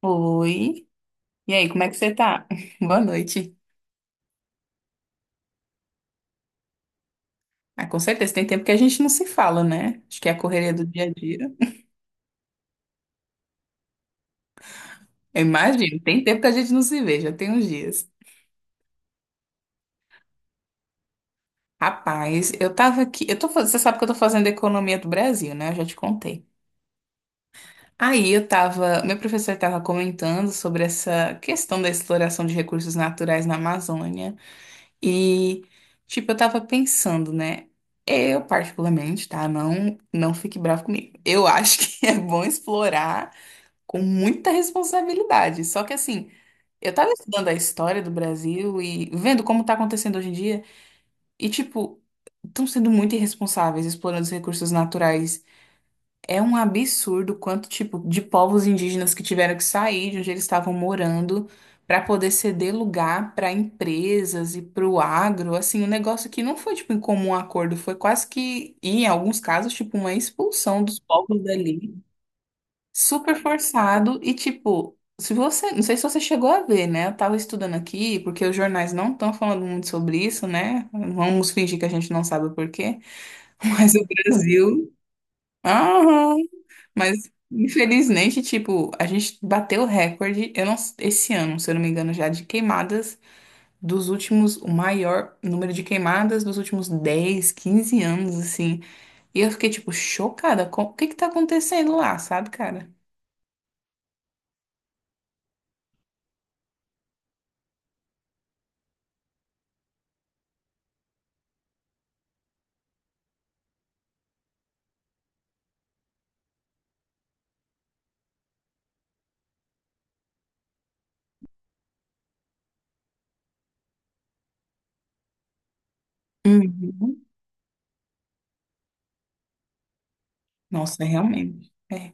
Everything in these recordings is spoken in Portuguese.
Oi. E aí, como é que você tá? Boa noite. Ah, com certeza, tem tempo que a gente não se fala, né? Acho que é a correria do dia a dia. Eu imagino, tem tempo que a gente não se vê, já tem uns dias. Rapaz, eu tava aqui, eu tô, você sabe que eu tô fazendo economia do Brasil, né? Eu já te contei. Aí eu tava, meu professor tava comentando sobre essa questão da exploração de recursos naturais na Amazônia. E, tipo, eu tava pensando, né? Eu, particularmente, tá? Não, não fique bravo comigo. Eu acho que é bom explorar com muita responsabilidade. Só que, assim, eu tava estudando a história do Brasil e vendo como tá acontecendo hoje em dia. E, tipo, estão sendo muito irresponsáveis explorando os recursos naturais, é um absurdo o quanto tipo de povos indígenas que tiveram que sair de onde eles estavam morando para poder ceder lugar para empresas e para o agro, assim, um negócio que não foi tipo em comum acordo, foi quase que em alguns casos tipo uma expulsão dos povos dali, super forçado e tipo, se você, não sei se você chegou a ver, né? Eu tava estudando aqui porque os jornais não estão falando muito sobre isso, né? Vamos fingir que a gente não sabe o porquê, mas o Brasil. Aham. Mas, infelizmente, tipo, a gente bateu o recorde, eu não, esse ano, se eu não me engano, já de queimadas dos últimos, o maior número de queimadas dos últimos 10 15 anos, assim. E eu fiquei, tipo, chocada com o que que tá acontecendo lá, sabe, cara? Uhum. Nossa, realmente. É.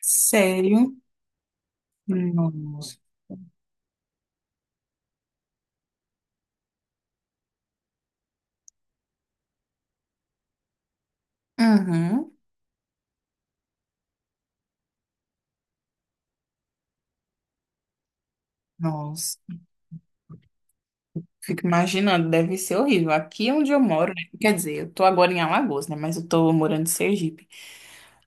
Sério? Nossa. Uhum. Nossa. Fico imaginando, deve ser horrível. Aqui é onde eu moro, né? Quer dizer, eu tô agora em Alagoas, né? Mas eu tô morando em Sergipe.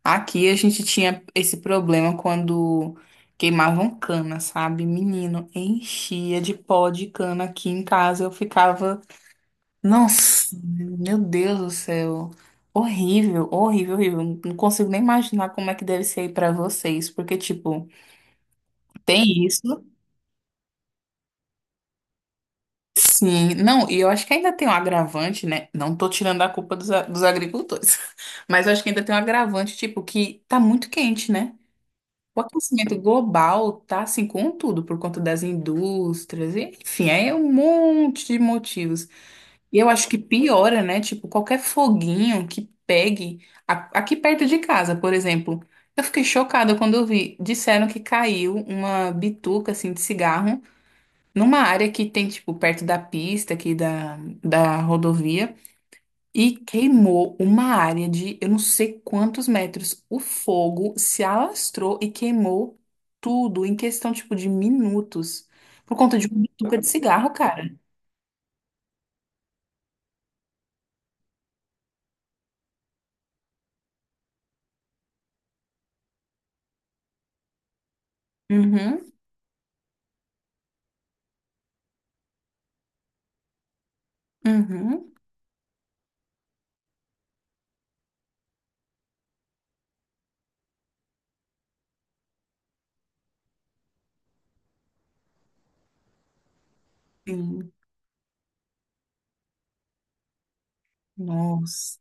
Aqui a gente tinha esse problema quando queimavam cana, sabe? Menino, enchia de pó de cana aqui em casa. Eu ficava, nossa, meu Deus do céu. Horrível, horrível, horrível. Não consigo nem imaginar como é que deve ser aí pra vocês, porque, tipo, tem isso. Sim, não, e eu acho que ainda tem um agravante, né? Não tô tirando a culpa dos, dos agricultores, mas eu acho que ainda tem um agravante, tipo, que tá muito quente, né? O aquecimento global tá assim com tudo, por conta das indústrias, e, enfim, é um monte de motivos. E eu acho que piora, né? Tipo, qualquer foguinho que pegue aqui perto de casa, por exemplo. Eu fiquei chocada quando eu vi. Disseram que caiu uma bituca assim de cigarro numa área que tem, tipo, perto da pista aqui da rodovia e queimou uma área de eu não sei quantos metros. O fogo se alastrou e queimou tudo em questão, tipo, de minutos. Por conta de uma bituca de cigarro, cara. Uhum, uhum. Sim. Nossa.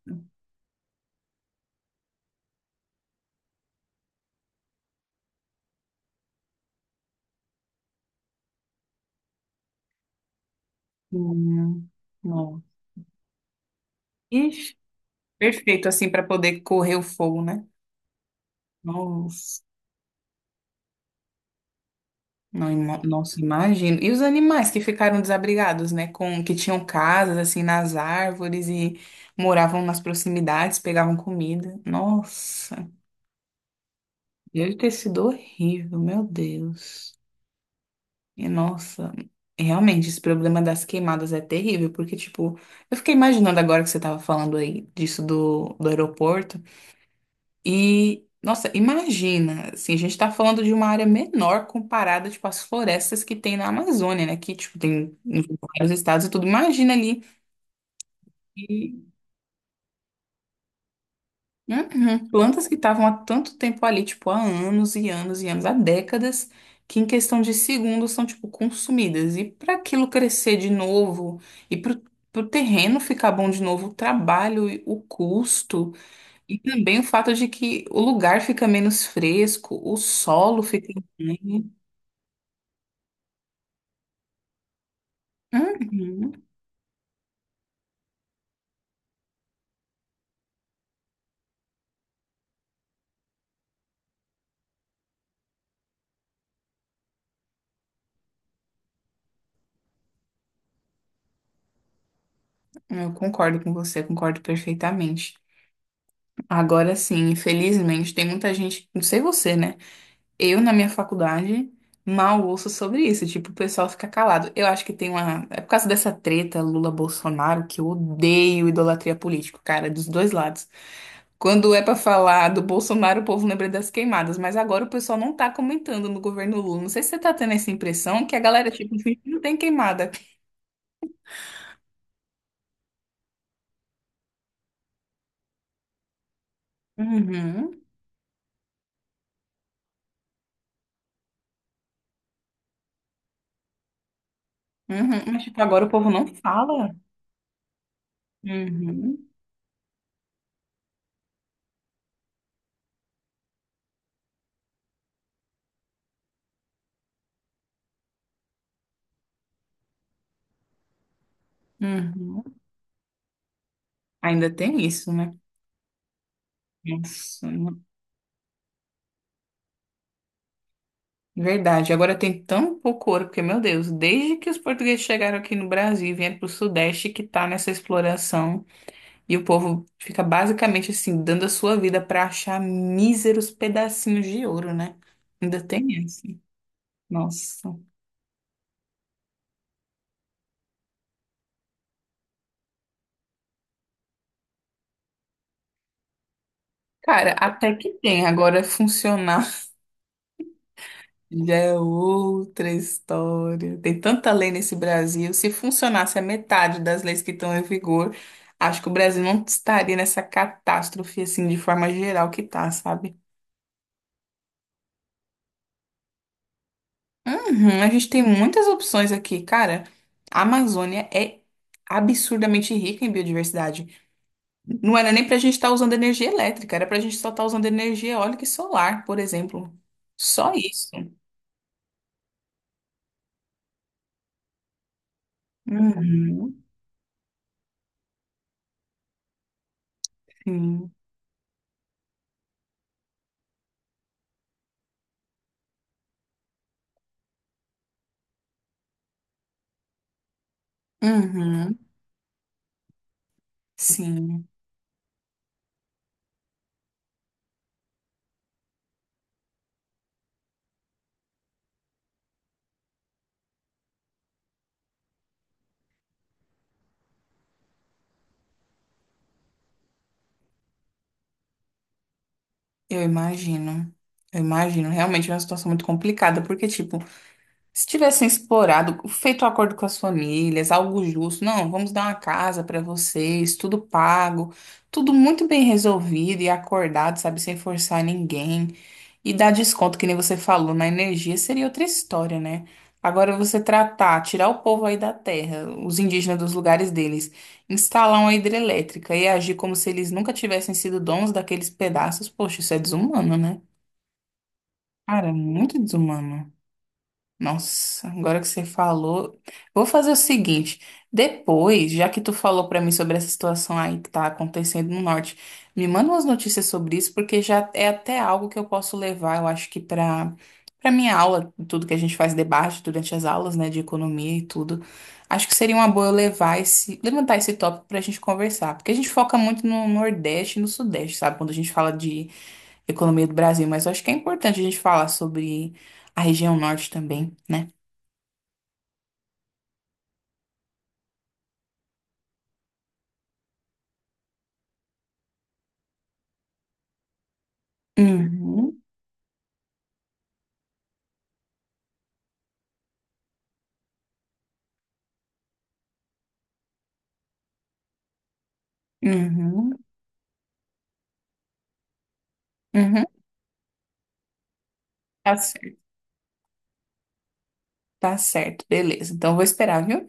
Sim. Nossa. Ixi, perfeito, assim, para poder correr o fogo, né? Nossa. Não, nossa, imagino. E os animais que ficaram desabrigados, né? Com, que tinham casas assim nas árvores e moravam nas proximidades, pegavam comida. Nossa, deve ter sido horrível, meu Deus. E nossa, realmente, esse problema das queimadas é terrível, porque, tipo, eu fiquei imaginando agora que você tava falando aí disso do aeroporto. E, nossa, imagina, assim, a gente tá falando de uma área menor comparada, tipo, às florestas que tem na Amazônia, né? Que, tipo, tem em vários estados e tudo. Imagina ali, e, uhum, plantas que estavam há tanto tempo ali, tipo, há anos e anos e anos, há décadas, que em questão de segundos são, tipo, consumidas. E para aquilo crescer de novo, e pro terreno ficar bom de novo, o trabalho, e o custo. E também o fato de que o lugar fica menos fresco, o solo fica estranho. Uhum. Eu concordo com você, concordo perfeitamente. Agora sim, infelizmente, tem muita gente, não sei você, né? Eu na minha faculdade mal ouço sobre isso, tipo, o pessoal fica calado. Eu acho que tem uma. É por causa dessa treta Lula-Bolsonaro que eu odeio idolatria política, cara, dos dois lados. Quando é para falar do Bolsonaro, o povo lembra das queimadas, mas agora o pessoal não tá comentando no governo Lula. Não sei se você tá tendo essa impressão que a galera, tipo, finge que não tem queimada. Uhum, uhum, mas tipo, agora o povo não fala. Uhum, uhum. Ainda tem isso, né? Nossa, verdade. Agora tem tão pouco ouro, porque, meu Deus, desde que os portugueses chegaram aqui no Brasil e vieram pro Sudeste que tá nessa exploração. E o povo fica basicamente assim, dando a sua vida para achar míseros pedacinhos de ouro, né? Ainda tem essa. Nossa. Cara, até que tem. Agora funcionar já é outra história. Tem tanta lei nesse Brasil. Se funcionasse a metade das leis que estão em vigor, acho que o Brasil não estaria nessa catástrofe assim de forma geral que tá, sabe? Uhum, a gente tem muitas opções aqui, cara. A Amazônia é absurdamente rica em biodiversidade. Não era nem para a gente estar usando energia elétrica, era para a gente só estar usando energia eólica e solar, por exemplo. Só isso. Uhum, sim. Uhum, sim. Eu imagino. Eu imagino. Realmente é uma situação muito complicada, porque, tipo, se tivessem explorado, feito um acordo com as famílias, algo justo, não, vamos dar uma casa para vocês, tudo pago, tudo muito bem resolvido e acordado, sabe, sem forçar ninguém. E dar desconto, que nem você falou, na energia seria outra história, né? Agora você tratar, tirar o povo aí da terra, os indígenas dos lugares deles, instalar uma hidrelétrica e agir como se eles nunca tivessem sido donos daqueles pedaços, poxa, isso é desumano, né? Cara, muito desumano. Nossa, agora que você falou, eu vou fazer o seguinte, depois, já que tu falou pra mim sobre essa situação aí que tá acontecendo no norte, me manda umas notícias sobre isso, porque já é até algo que eu posso levar, eu acho que pra para minha aula, tudo que a gente faz debate durante as aulas, né, de economia e tudo. Acho que seria uma boa eu levantar esse tópico pra gente conversar, porque a gente foca muito no Nordeste e no Sudeste, sabe? Quando a gente fala de economia do Brasil, mas eu acho que é importante a gente falar sobre a região norte também, né? Uhum, uhum, uhum. Tá certo, tá certo, beleza. Então eu vou esperar, viu?